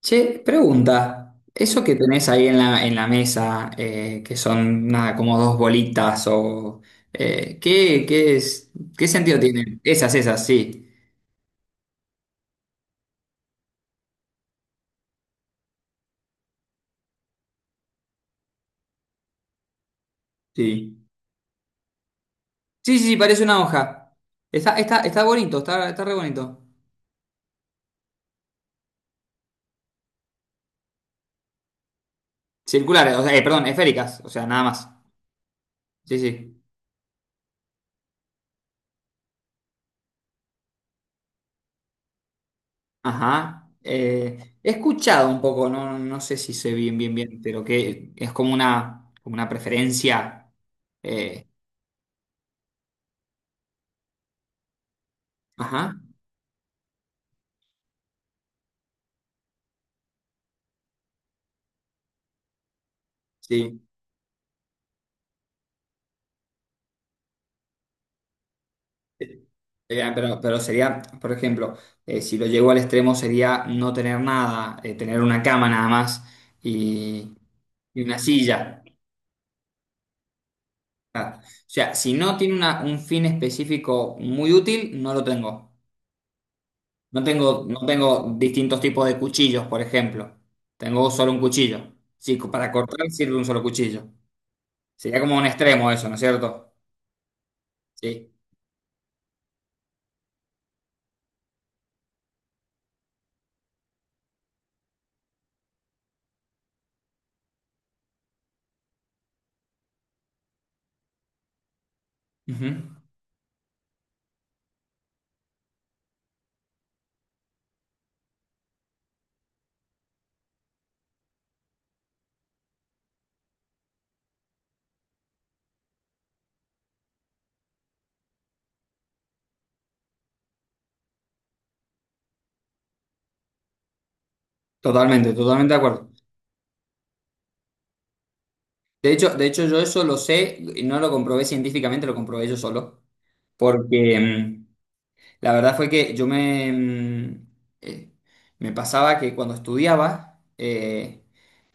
Che, pregunta, eso que tenés ahí en la mesa, que son nada, como dos bolitas, o ¿qué es, qué sentido tienen? Esas, sí. Sí. Sí, sí, sí, parece una hoja. Está bonito, está re bonito. Circulares, o sea, perdón, esféricas, o sea, nada más. Sí, sí. Ajá. He escuchado un poco, no sé si sé bien, bien, bien, pero que es como una preferencia. eh, ajá. Sí. Pero sería, por ejemplo, si lo llevo al extremo sería no tener nada, tener una cama nada más y, y una silla. Ah, o sea, si no tiene un fin específico muy útil, no lo tengo. No tengo distintos tipos de cuchillos, por ejemplo. Tengo solo un cuchillo. Sí, para cortar sirve un solo cuchillo. Sería como un extremo eso, ¿no es cierto? Sí. Ujú. Totalmente, totalmente de acuerdo. De hecho, yo eso lo sé, y no lo comprobé científicamente, lo comprobé yo solo, porque la verdad fue que eh, me pasaba que cuando estudiaba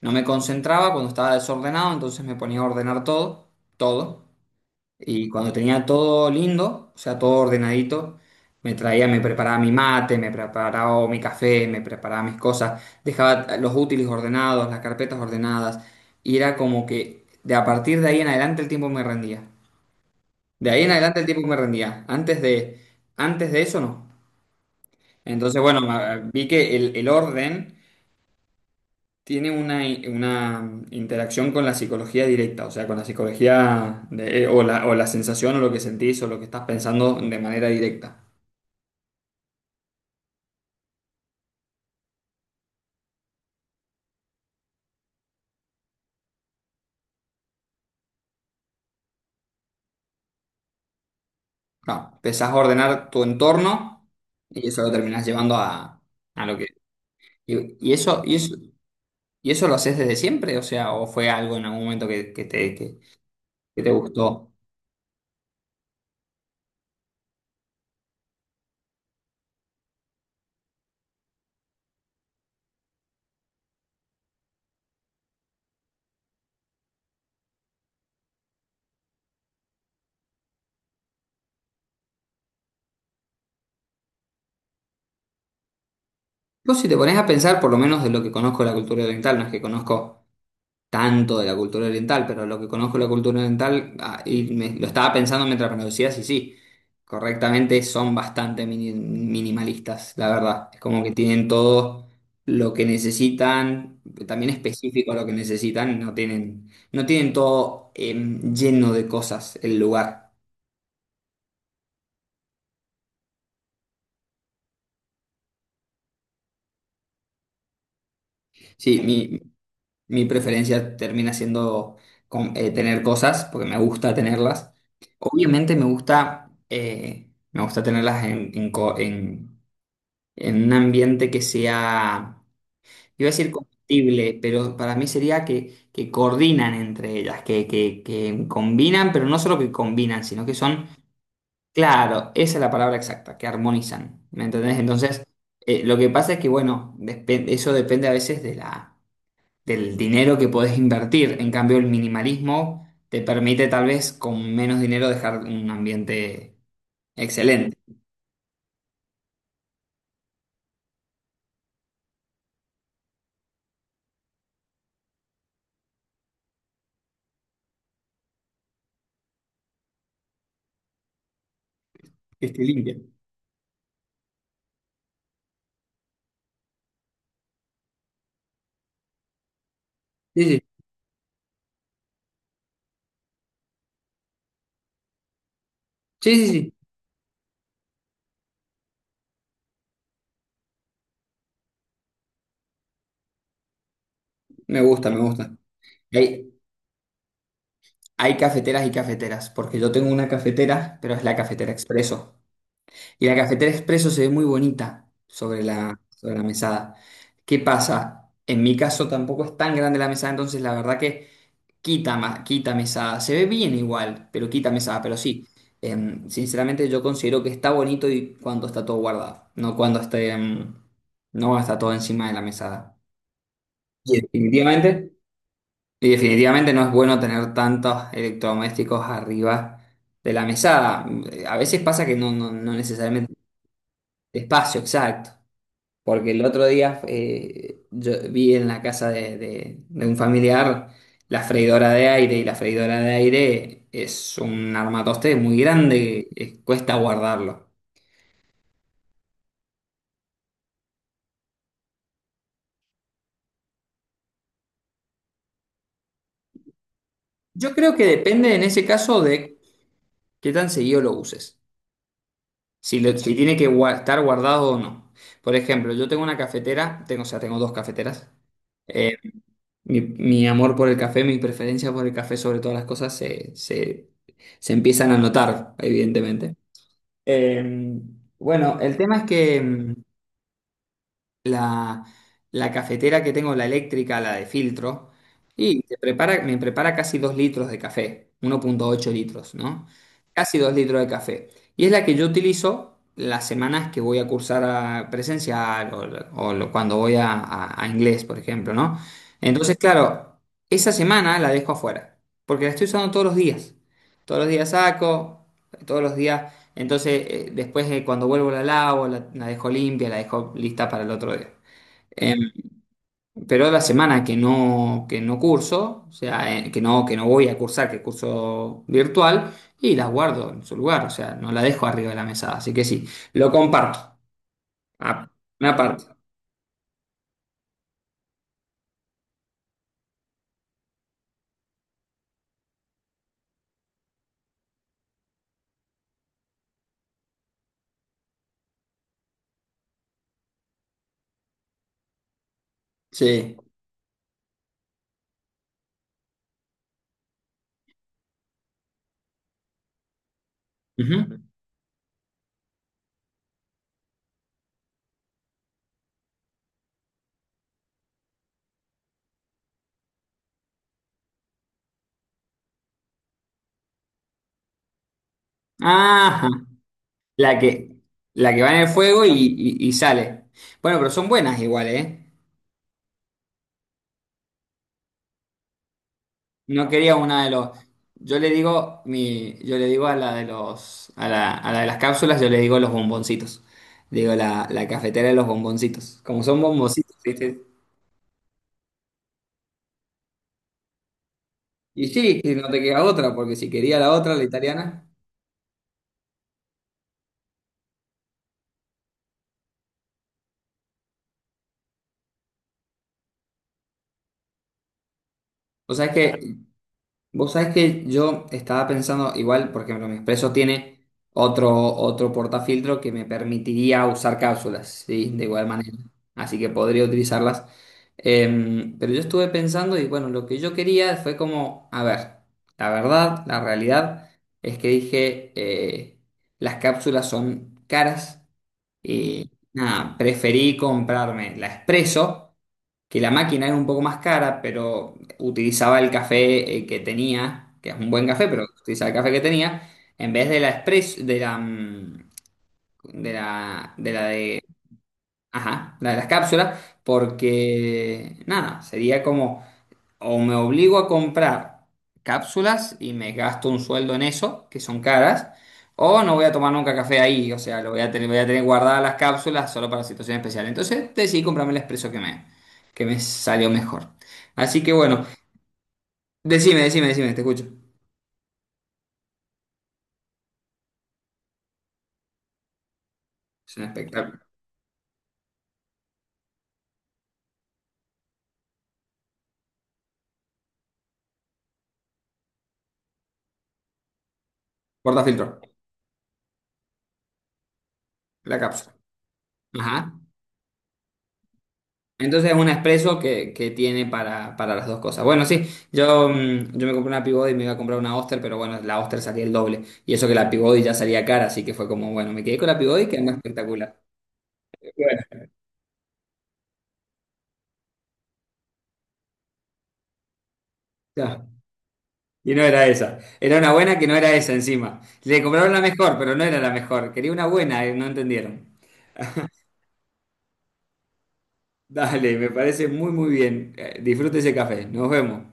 no me concentraba, cuando estaba desordenado, entonces me ponía a ordenar todo, todo. Y cuando tenía todo lindo, o sea, todo ordenadito, me preparaba mi mate, me preparaba mi café, me preparaba mis cosas, dejaba los útiles ordenados, las carpetas ordenadas, y era como que de a partir de ahí en adelante el tiempo me rendía. De ahí en adelante el tiempo me rendía. Antes de eso no. Entonces, bueno, vi que el orden tiene una interacción con la psicología directa, o sea, con la psicología o la sensación o lo que sentís o lo que estás pensando de manera directa. No, empezás a ordenar tu entorno y eso lo terminás llevando a lo que... Y, y eso, y eso, y eso lo haces desde siempre, o sea, o fue algo en algún momento que te gustó. Vos si te pones a pensar, por lo menos de lo que conozco de la cultura oriental, no es que conozco tanto de la cultura oriental, pero lo que conozco de la cultura oriental, ah, y lo estaba pensando mientras me lo decías, y sí, correctamente son bastante minimalistas, la verdad. Es como que tienen todo lo que necesitan, también específico a lo que necesitan, y no tienen todo lleno de cosas el lugar. Sí, mi preferencia termina siendo tener cosas, porque me gusta tenerlas. Obviamente me gusta tenerlas en un ambiente que sea, iba a decir compatible, pero para mí sería que coordinan entre ellas, que combinan, pero no solo que combinan, sino que son, claro, esa es la palabra exacta, que armonizan, ¿me entendés? Entonces, lo que pasa es que, bueno, eso depende a veces de la del dinero que podés invertir. En cambio, el minimalismo te permite tal vez con menos dinero dejar un ambiente excelente, que esté limpio. Sí, sí, sí, sí, sí. Me gusta, me gusta. Hay, hay cafeteras y cafeteras, porque yo tengo una cafetera, pero es la cafetera expreso. Y la cafetera expreso se ve muy bonita sobre la mesada. ¿Qué pasa? En mi caso tampoco es tan grande la mesada, entonces la verdad que... Quita, quita mesada. Se ve bien igual, pero quita mesada. Pero sí, sinceramente yo considero que está bonito y cuando está todo guardado, no cuando no está todo encima de la mesada. Y definitivamente, y definitivamente no es bueno tener tantos electrodomésticos arriba de la mesada. A veces pasa que no necesariamente espacio exacto. Porque el otro día yo vi en la casa de un familiar la freidora de aire y la freidora de aire es un armatoste muy grande, cuesta guardarlo. Yo creo que depende en ese caso de qué tan seguido lo uses, si tiene que estar guardado o no. Por ejemplo, yo tengo una cafetera, tengo, o sea, tengo dos cafeteras. Eh, mi amor por el café, mi preferencia por el café sobre todas las cosas se empiezan a notar, evidentemente. Eh, bueno, el tema es que la, la cafetera que tengo, la eléctrica, la de filtro, y me prepara casi 2 litros de café, 1,8 litros, ¿no? Casi 2 litros de café. Y es la que yo utilizo las semanas que voy a cursar a presencial cuando voy a inglés, por ejemplo, ¿no? Entonces, claro, esa semana la dejo afuera, porque la estoy usando todos los días. Todos los días saco, todos los días entonces, después cuando vuelvo la lavo, la dejo limpia, la dejo lista para el otro día. Eh, pero la semana que no curso, o sea, que no voy a cursar, que curso virtual, y las guardo en su lugar, o sea, no la dejo arriba de la mesa. Así que sí, lo comparto. Ah, una parte. Sí. Ujú. Ajá. La que, la que va en el fuego y sale. Bueno, pero son buenas igual, ¿eh? No quería una de los. Yo le digo a la de los, a la de las cápsulas, yo le digo los bomboncitos. Digo la cafetera de los bomboncitos. Como son bomboncitos, ¿viste? Y sí, que no te queda otra, porque si quería la otra, la italiana. O sea, es que vos sabés que yo estaba pensando, igual, por ejemplo, mi expreso tiene otro portafiltro que me permitiría usar cápsulas, ¿sí? De igual manera. Así que podría utilizarlas. Pero yo estuve pensando y bueno, lo que yo quería fue como, a ver, la verdad, la realidad es que dije, las cápsulas son caras. Y nada, preferí comprarme la Espresso, que la máquina era un poco más cara, pero utilizaba el café que tenía, que es un buen café, pero utilizaba el café que tenía, en vez de la Espresso, de la, mm, de la, de la de, ajá, la de las cápsulas, porque nada, sería como o me obligo a comprar cápsulas y me gasto un sueldo en eso, que son caras, o no voy a tomar nunca café ahí, o sea, lo voy a tener guardadas las cápsulas solo para situaciones especiales. Entonces decidí comprarme el expreso que me salió mejor. Así que bueno, decime, decime, decime, te escucho. Es un espectáculo. Portafiltro, la cápsula. Ajá. Entonces es un expreso que tiene para las dos cosas. Bueno, sí, yo me compré una Peabody y me iba a comprar una Oster, pero bueno, la Oster salía el doble. Y eso que la Peabody ya salía cara, así que fue como, bueno, me quedé con la Peabody que es más espectacular. Y bueno, ya. Y no era esa. Era una buena que no era esa encima. Le compraron la mejor, pero no era la mejor. Quería una buena, no entendieron. Dale, me parece muy, muy bien. Disfrute ese café. Nos vemos.